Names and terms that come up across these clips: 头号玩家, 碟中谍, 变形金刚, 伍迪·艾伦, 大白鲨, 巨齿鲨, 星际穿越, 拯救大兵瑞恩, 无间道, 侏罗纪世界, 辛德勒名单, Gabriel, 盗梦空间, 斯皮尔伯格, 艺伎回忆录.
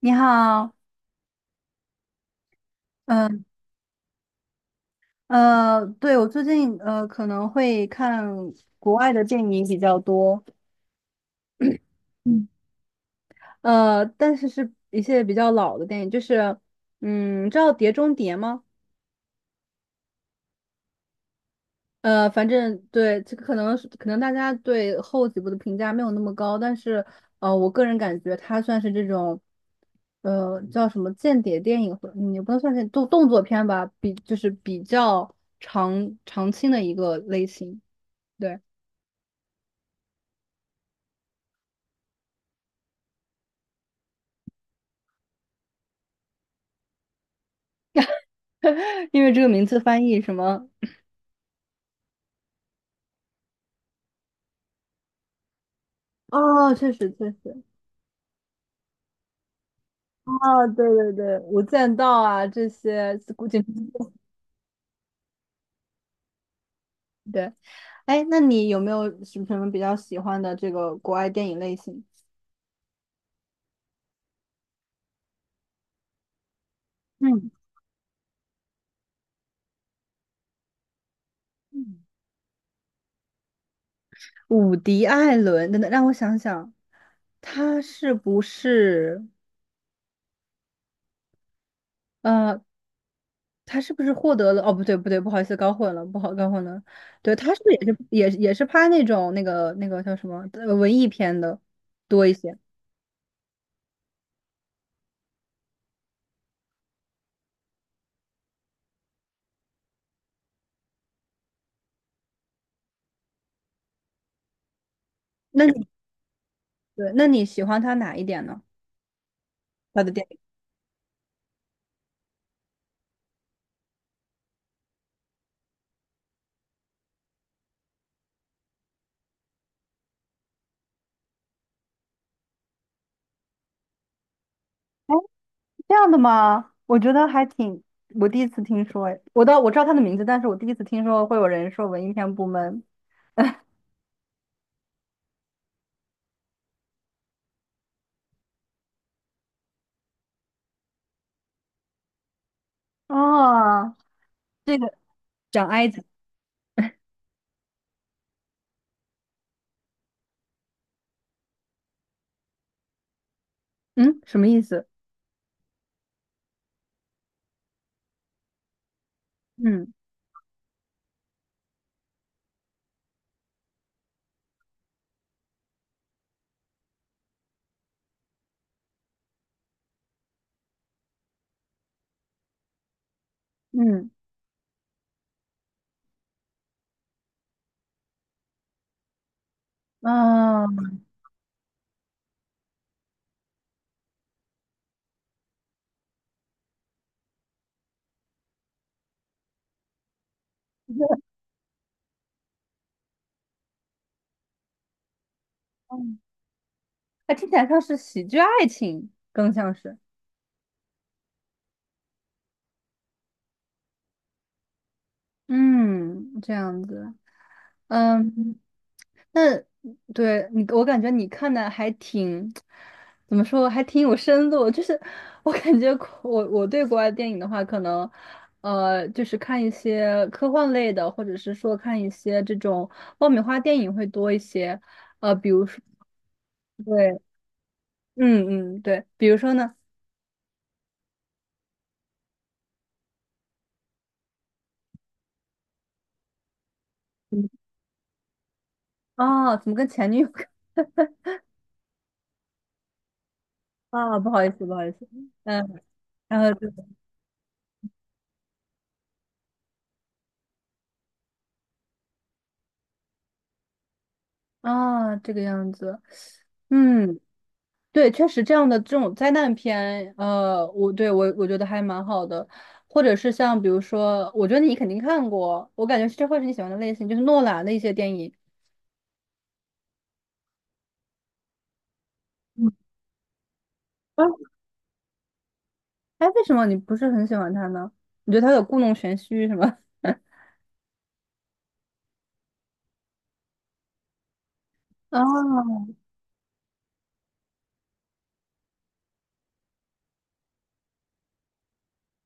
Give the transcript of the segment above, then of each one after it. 你好。嗯对，我最近可能会看国外的电影比较多。嗯，但是是一些比较老的电影，就是，你知道《碟中谍》吗？反正对这个可能是可能大家对后几部的评价没有那么高，但是我个人感觉它算是这种，叫什么间谍电影，或也不能算是动作片吧，就是比较长青的一个类型。对。因为这个名字翻译什么？哦，确实确实。哦，对对对，《无间道》啊，这些古井，对。哎，那你有没有什么比较喜欢的这个国外电影类型？嗯，伍迪·艾伦，等等，让我想想，他是不是呃，他是不是获得了？哦，不对，不对，不好意思，搞混了，不好，搞混了。对，他是不是也是拍那种那个叫什么文艺片的多一些？那对，那你喜欢他哪一点呢？他的电影？哎，这样的吗？我觉得还挺，我第一次听说，哎，我知道他的名字，但是我第一次听说会有人说文艺片部门。哦，这个讲埃及？嗯，什么意思？嗯嗯嗯，嗯它 听起来像是喜剧爱情，更像是。嗯，这样子。嗯。那对你，我感觉你看的还挺，怎么说，还挺有深度。就是我感觉我对国外电影的话，可能就是看一些科幻类的，或者是说看一些这种爆米花电影会多一些。呃，比如说，对。嗯对，比如说呢。啊，哦怎么跟前女友 啊？不好意思，不好意思。嗯，然后就，啊，这个样子，嗯。对，确实这样的这种灾难片。呃，我对我我觉得还蛮好的，或者是像比如说，我觉得你肯定看过，我感觉这会是你喜欢的类型，就是诺兰的一些电影。嗯，哎，哎，为什么你不是很喜欢他呢？你觉得他有故弄玄虚是吗？啊，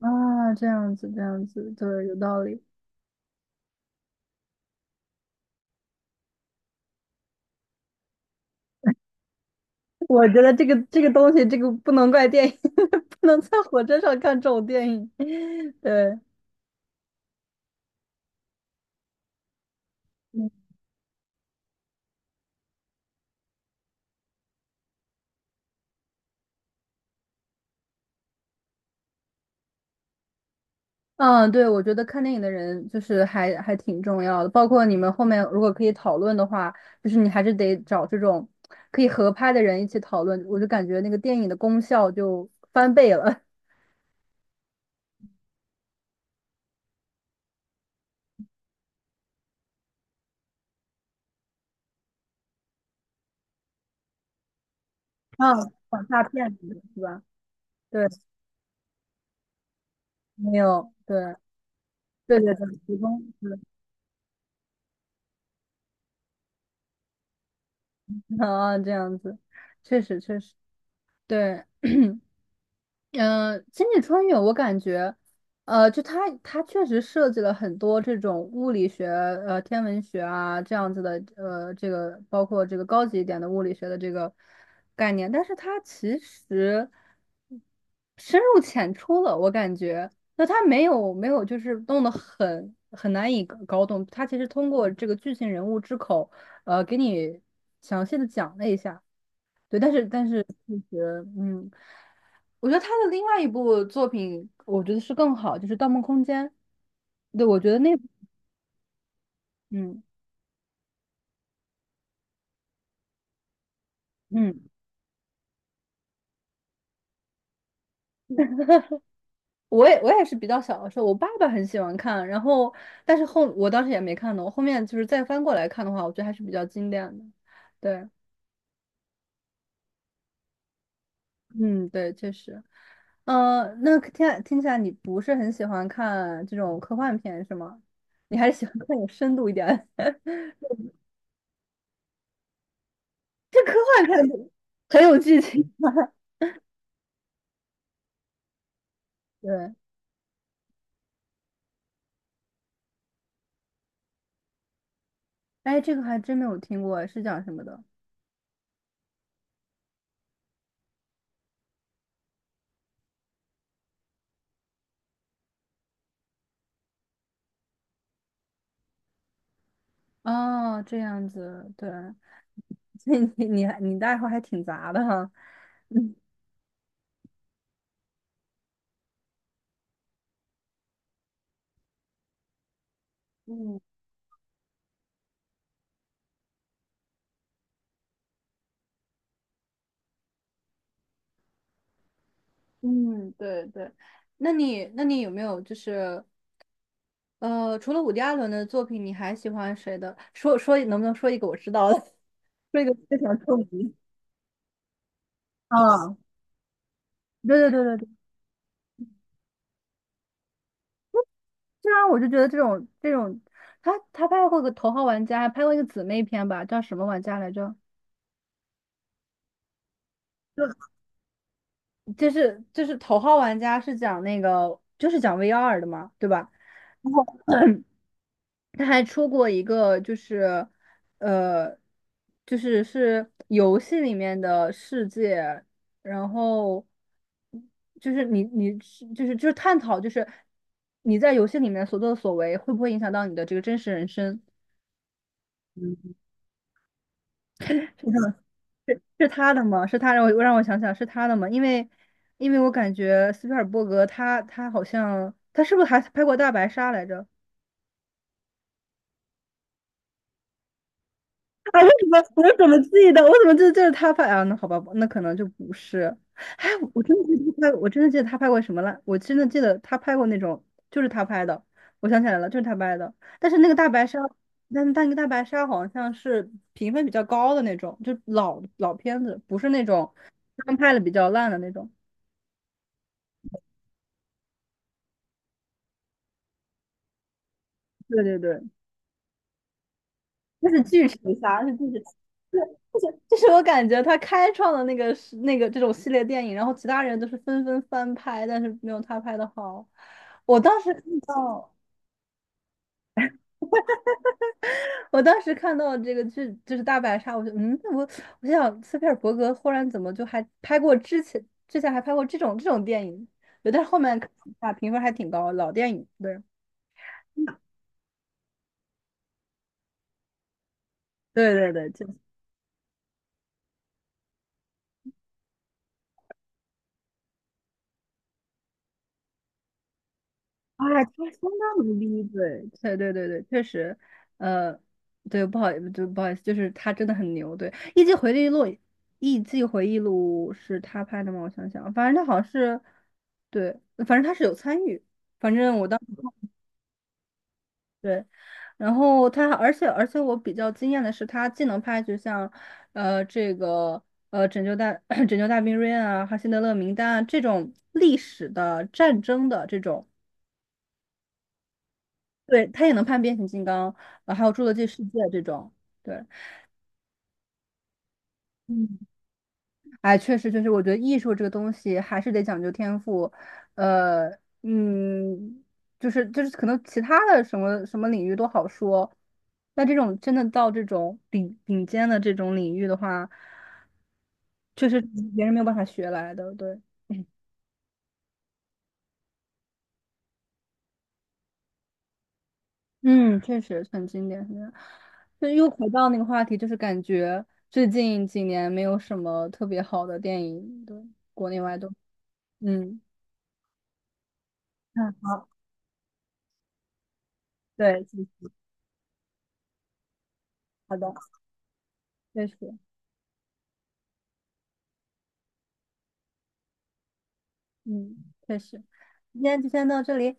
啊，这样子，这样子，对，有道理。我觉得这个东西，这个不能怪电影，不能在火车上看这种电影。对，嗯。嗯，对，我觉得看电影的人就是还挺重要的，包括你们后面如果可以讨论的话，就是你还是得找这种可以合拍的人一起讨论，我就感觉那个电影的功效就翻倍了。啊，仿大片子是吧？对，没有，对，对对对，提供，对。啊，这样子，确实确实，对。嗯，呃星际穿越我感觉，呃，就它确实设计了很多这种物理学、呃天文学啊这样子的，呃，这个包括这个高级一点的物理学的这个概念，但是它其实深入浅出了，我感觉。那它没有就是弄得很难以搞懂，它其实通过这个剧情人物之口，给你详细的讲了一下，对，但是其实，嗯。我觉得他的另外一部作品，我觉得是更好，就是《盗梦空间》。对，我觉得那，嗯嗯，我也是比较小的时候，我爸爸很喜欢看，然后但是后我当时也没看懂，我后面就是再翻过来看的话，我觉得还是比较经典的。对，嗯，对，确实。呃，那听起来听起来你不是很喜欢看这种科幻片是吗？你还是喜欢看有深度一点的。这科幻片很有剧情吗？对。哎，这个还真没有听过，是讲什么的？哦，这样子，对。所以你的爱好还挺杂的哈。嗯嗯嗯，对对，那你有没有就是，除了伍迪·艾伦的作品，你还喜欢谁的？说能不能说一个我知道的？说一个非常著名。啊，对对对对对。这样我就觉得这种这种，他拍过个《头号玩家》，还拍过一个姊妹片吧，叫什么玩家来着？就就就是《头号玩家》是讲那个就是讲 VR 的嘛，对吧？他还出过一个，就是，呃，就是是游戏里面的世界，然后就是你是就是探讨，就是你在游戏里面所作所为会不会影响到你的这个真实人生？嗯，是他的吗？是他，让我想想是他的吗？因为因为我感觉斯皮尔伯格他好像他是不是还拍过《大白鲨》来着？啊！为什么 我怎么记得？我怎么记得这是他拍啊？那好吧，那可能就不是。哎，我真的记得他拍，我真的记得他拍过什么了？我真的记得他拍过那种，就是他拍的。我想起来了，就是他拍的。但是那个大白鲨，但那个大白鲨好像是评分比较高的那种，就老片子，不是那种刚拍的比较烂的那种。对对对，那是巨齿鲨，是巨齿。就是就是我感觉他开创的那个是那个这种系列电影，然后其他人都是纷纷翻拍，但是没有他拍的好。我当时看到，我当时看到这个剧就是大白鲨，我就嗯，我我想斯皮尔伯格忽然怎么就还拍过之前还拍过这种电影，对，但是后面看一下评分还挺高，老电影，对对对对，就哎他相当努力，对，对对对对，确实，呃，对，不好，不好意思，就是他真的很牛，对，《艺伎回忆录》，《艺伎回忆录》是他拍的吗？我想想，反正他好像是，对，反正他是有参与，反正我当时，对，然后他，而且我比较惊艳的是，他既能拍，就像，呃，这个。呃，拯救大 拯救大兵瑞恩啊，还有辛德勒名单啊，这种历史的战争的这种。对，他也能判变形金刚，呃，还有《侏罗纪世界》这种。对，嗯，哎，确实，确实，我觉得艺术这个东西还是得讲究天赋，呃，嗯，就是，可能其他的什么领域都好说，那这种真的到这种顶尖的这种领域的话，确实别人没有办法学来的。对，嗯，确实很经典，很经典。就又回到那个话题，就是感觉最近几年没有什么特别好的电影，对，国内外都，嗯，嗯，好，对，嗯，好的，确实，嗯，确实，今天就先到这里。